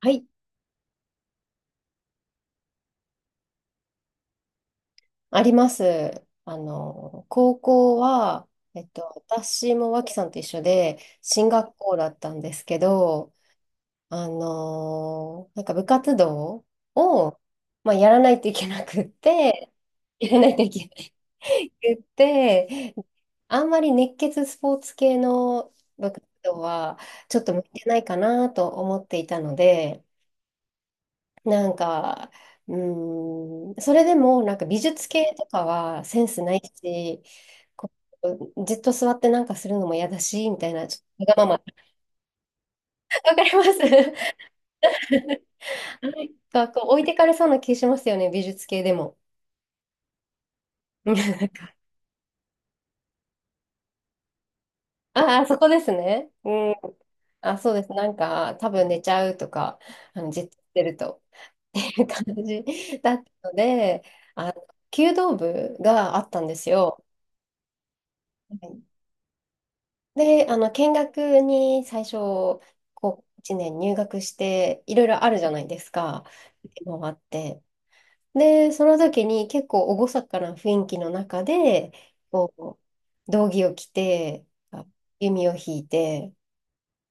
はい、あります。高校は、えっと、私も脇さんと一緒で、進学校だったんですけど、なんか部活動を、まあ、やらないといけなくって、やらないといけないくって、あんまり熱血スポーツ系の部活動は、ちょっと向いてないかなと思っていたので、なんか、それでもなんか美術系とかはセンスないし、こう、じっと座ってなんかするのも嫌だし、みたいな、ちょっとわがまま。わかりますな んかこう置いてかれそうな気しますよね、美術系でも。なんか、ああ、そこですね。うん。あ、そうです。なんか、多分寝ちゃうとか、じっとしてると、っていう感じだったので、弓道部があったんですよ。で、見学に最初、こう、1年入学して、いろいろあるじゃないですか。回って。で、その時に結構厳かな雰囲気の中で、こう、道着を着て、あ弓を引いて、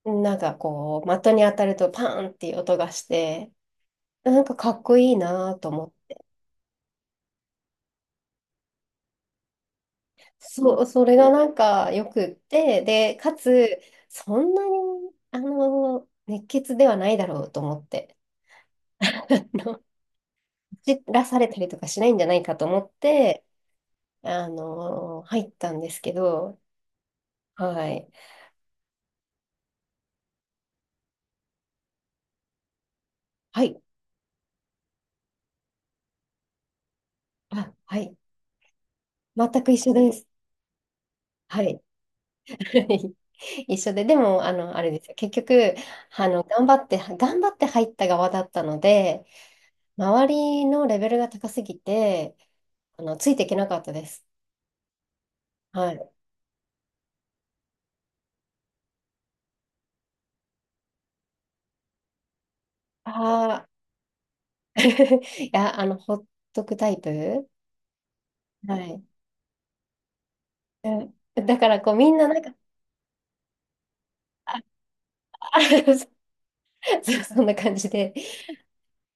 なんかこう、的に当たるとパーンっていう音がして、なんかかっこいいなと思って。そう、それがなんかよくって、で、かつ、そんなに、熱血ではないだろうと思って。あの走らされたりとかしないんじゃないかと思って、入ったんですけど、はい。はい。あ、はい。全く一緒です。はい。一緒で、でも、あれですよ。結局、頑張って入った側だったので、周りのレベルが高すぎて、ついていけなかったです。はい。ああ、いや、ほっとくタイプはい。うんだから、こう、みんななんか、そう そんな感じで、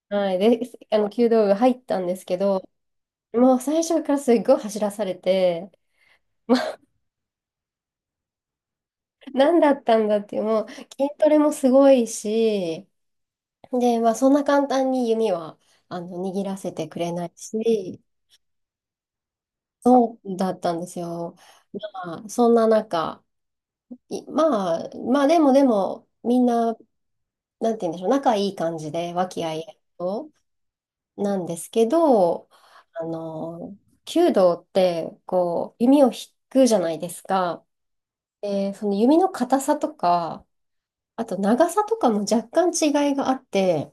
はい、で、弓道部入ったんですけど、もう最初からすっごい走らされて、何だったんだっていう、もう筋トレもすごいし、で、まあ、そんな簡単に弓は握らせてくれないし、そうだったんですよ。まあ、そんな中、いまあ、まあ、でも、みんな、なんて言うんでしょう、仲いい感じで、和気あいあいと。なんですけど、あの、弓道って、こう、弓を引くじゃないですか。で、その弓の硬さとか、あと長さとかも若干違いがあって、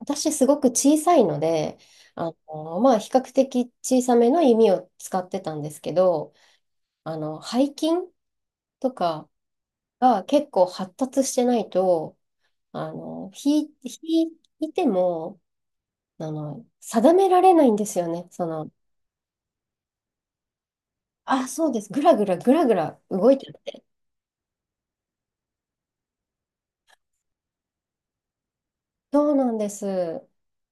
私すごく小さいので、まあ、比較的小さめの弓を使ってたんですけど、背筋とかが結構発達してないと、引いても、定められないんですよね。その、あ、そうです。ぐらぐらぐらぐら動いちゃって。そうなんです。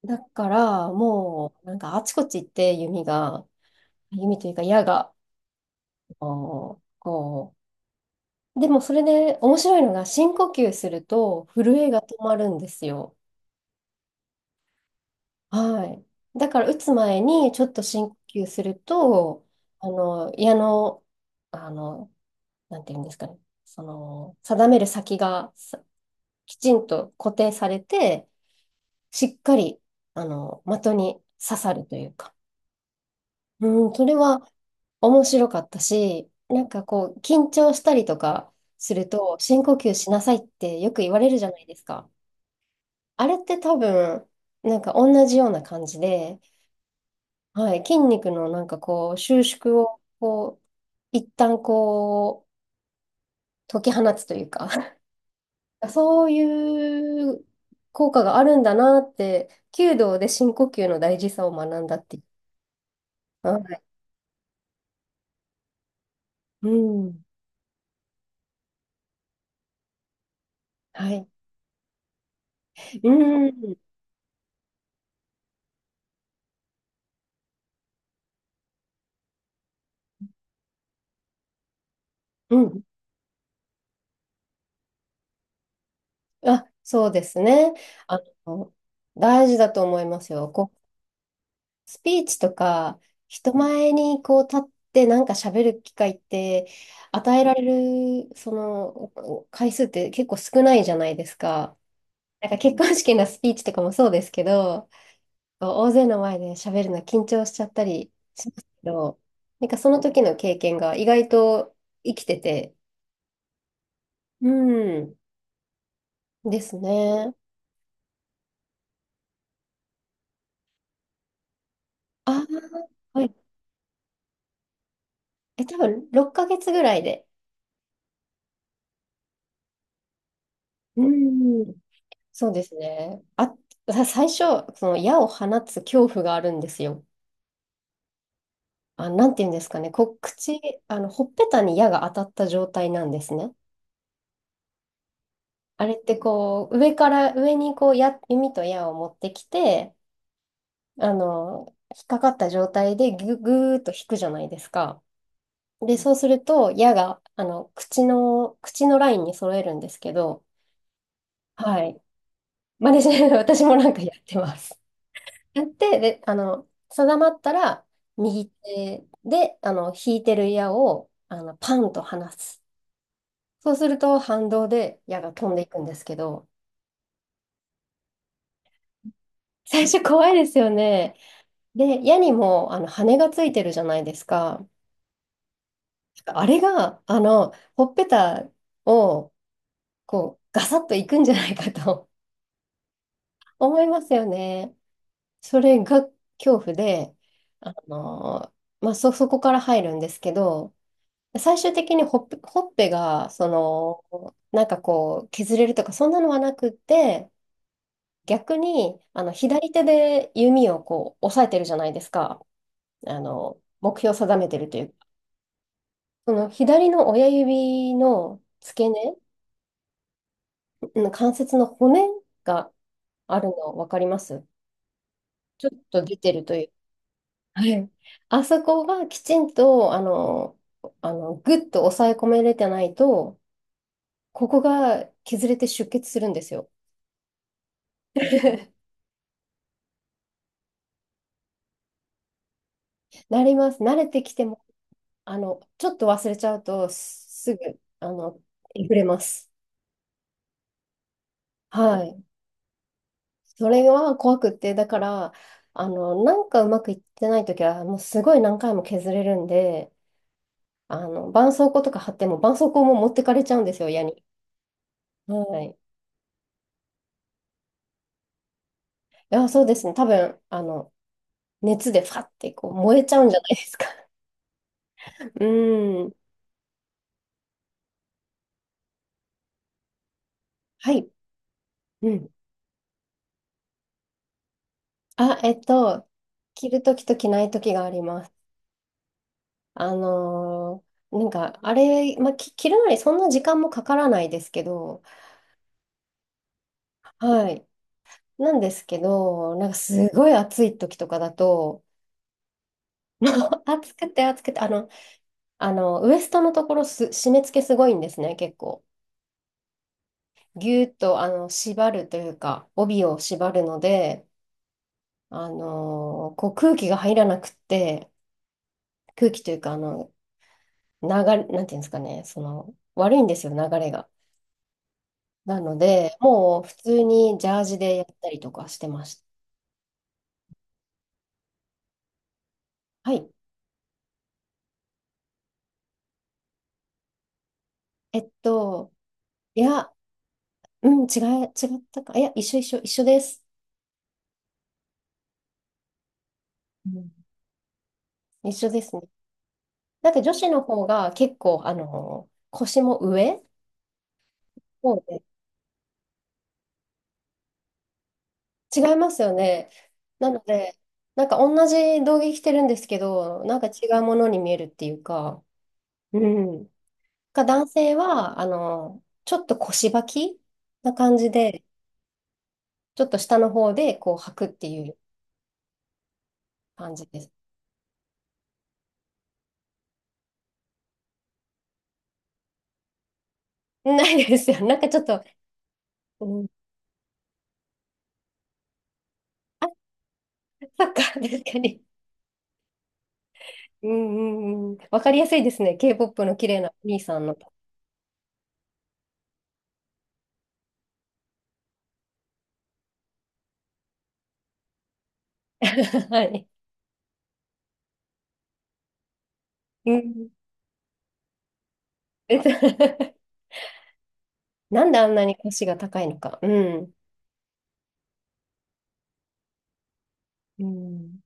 だから、もう、なんかあちこち行って、弓が、弓というか矢が、あのこでも、それで面白いのが、深呼吸すると、震えが止まるんですよ。はい。だから、打つ前に、ちょっと深呼吸すると、矢の、あの、なんていうんですかね、その、定める先がさきちんと固定されて、しっかり、的に刺さるというか。うん、それは面白かったし、なんかこう、緊張したりとかすると、深呼吸しなさいってよく言われるじゃないですか。あれって多分、なんか同じような感じで、はい、筋肉のなんかこう、収縮を、こう、一旦こう、解き放つというか、そういう効果があるんだなって、弓道で深呼吸の大事さを学んだっていう。はいうん。はい。うん。うん。あ、そうですね。あの、大事だと思いますよ。こう、スピーチとか、人前にこう立ってなんか喋る機会って、与えられる、その、回数って結構少ないじゃないですか。なんか結婚式のスピーチとかもそうですけど、こう大勢の前で喋るの緊張しちゃったりしますけど、なんかその時の経験が意外と生きてて、うん、ですね。ああ、はい。え、多分6ヶ月ぐらいで。うん。そうですね。最初、その矢を放つ恐怖があるんですよ。あ、なんていうんですかね。こう、口、ほっぺたに矢が当たった状態なんですね。あれってこう、上から上にこう矢、弓と矢を持ってきて、引っかかった状態でぐーっと引くじゃないですか。で、そうすると矢が、あの、口のラインに揃えるんですけど、はい。真似しないの 私もなんかやってます。やって、で、定まったら、右手で、引いてる矢を、パンと離す。そうすると、反動で矢が飛んでいくんですけど、最初怖いですよね。で、矢にも、羽がついてるじゃないですか。あれが、ほっぺたを、こう、ガサッといくんじゃないかと 思いますよね。それが恐怖で、あの、まあ、そこから入るんですけど、最終的にほっぺが、その、なんかこう、削れるとか、そんなのはなくって、逆に、左手で弓をこう、押さえてるじゃないですか。目標を定めてるというか。その左の親指の付け根、うん関節の骨があるの分かりますちょっと出てるというはい。あそこがきちんと、あの、ぐっと抑え込めれてないと、ここが削れて出血するんですよ。なります。慣れてきても、ちょっと忘れちゃうと、すぐ、溢れます。はい。それは怖くって、だから、なんかうまくいってないときは、もうすごい何回も削れるんで、絆創膏とか貼っても、絆創膏も持ってかれちゃうんですよ、矢に。はい。いや、そうですね。多分、熱でファってこう燃えちゃうんじゃないですか。うん。はい。うん。あ、着るときと着ないときがあります。あのなんか、あれ、まあ、着るのにそんな時間もかからないですけど、はい。なんですけど、なんかすごい暑いときとかだと、もう 暑くて、あの、ウエストのところ締め付けすごいんですね、結構。ぎゅーっと、縛るというか、帯を縛るので、こう空気が入らなくって、空気というか、流れ、なんていうんですかね、その、悪いんですよ、流れが。なので、もう普通にジャージでやったりとかしてました。はい。えっと、いや、うん、違ったか。いや、一緒です。うん一緒ですね。なんか女子の方が結構、腰も上そうで違いますよね。なので、なんか同じ道着着てるんですけど、なんか違うものに見えるっていうか、うん。か男性は、ちょっと腰履きな感じで、ちょっと下の方でこう履くっていう感じです。ないですよ。なんかちょっと、うん、あ、そっか、確かに。うんうんうん。わかりやすいですね。K-POP の綺麗なお兄さんの。はい。うん。えっと なんであんなに腰が高いのか。うん。うん。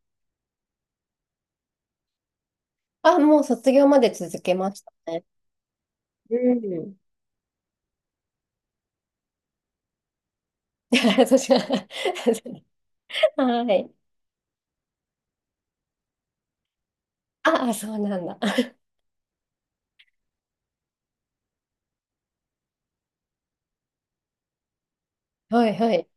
あ、もう卒業まで続けましたね。うん。私は はい。ああ、そうなんだ。はいはい。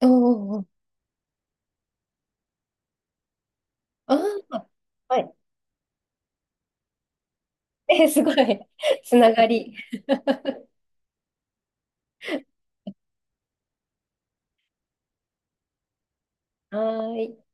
おーおーおー。ああ。はい。え、すごい。つながり。はーい。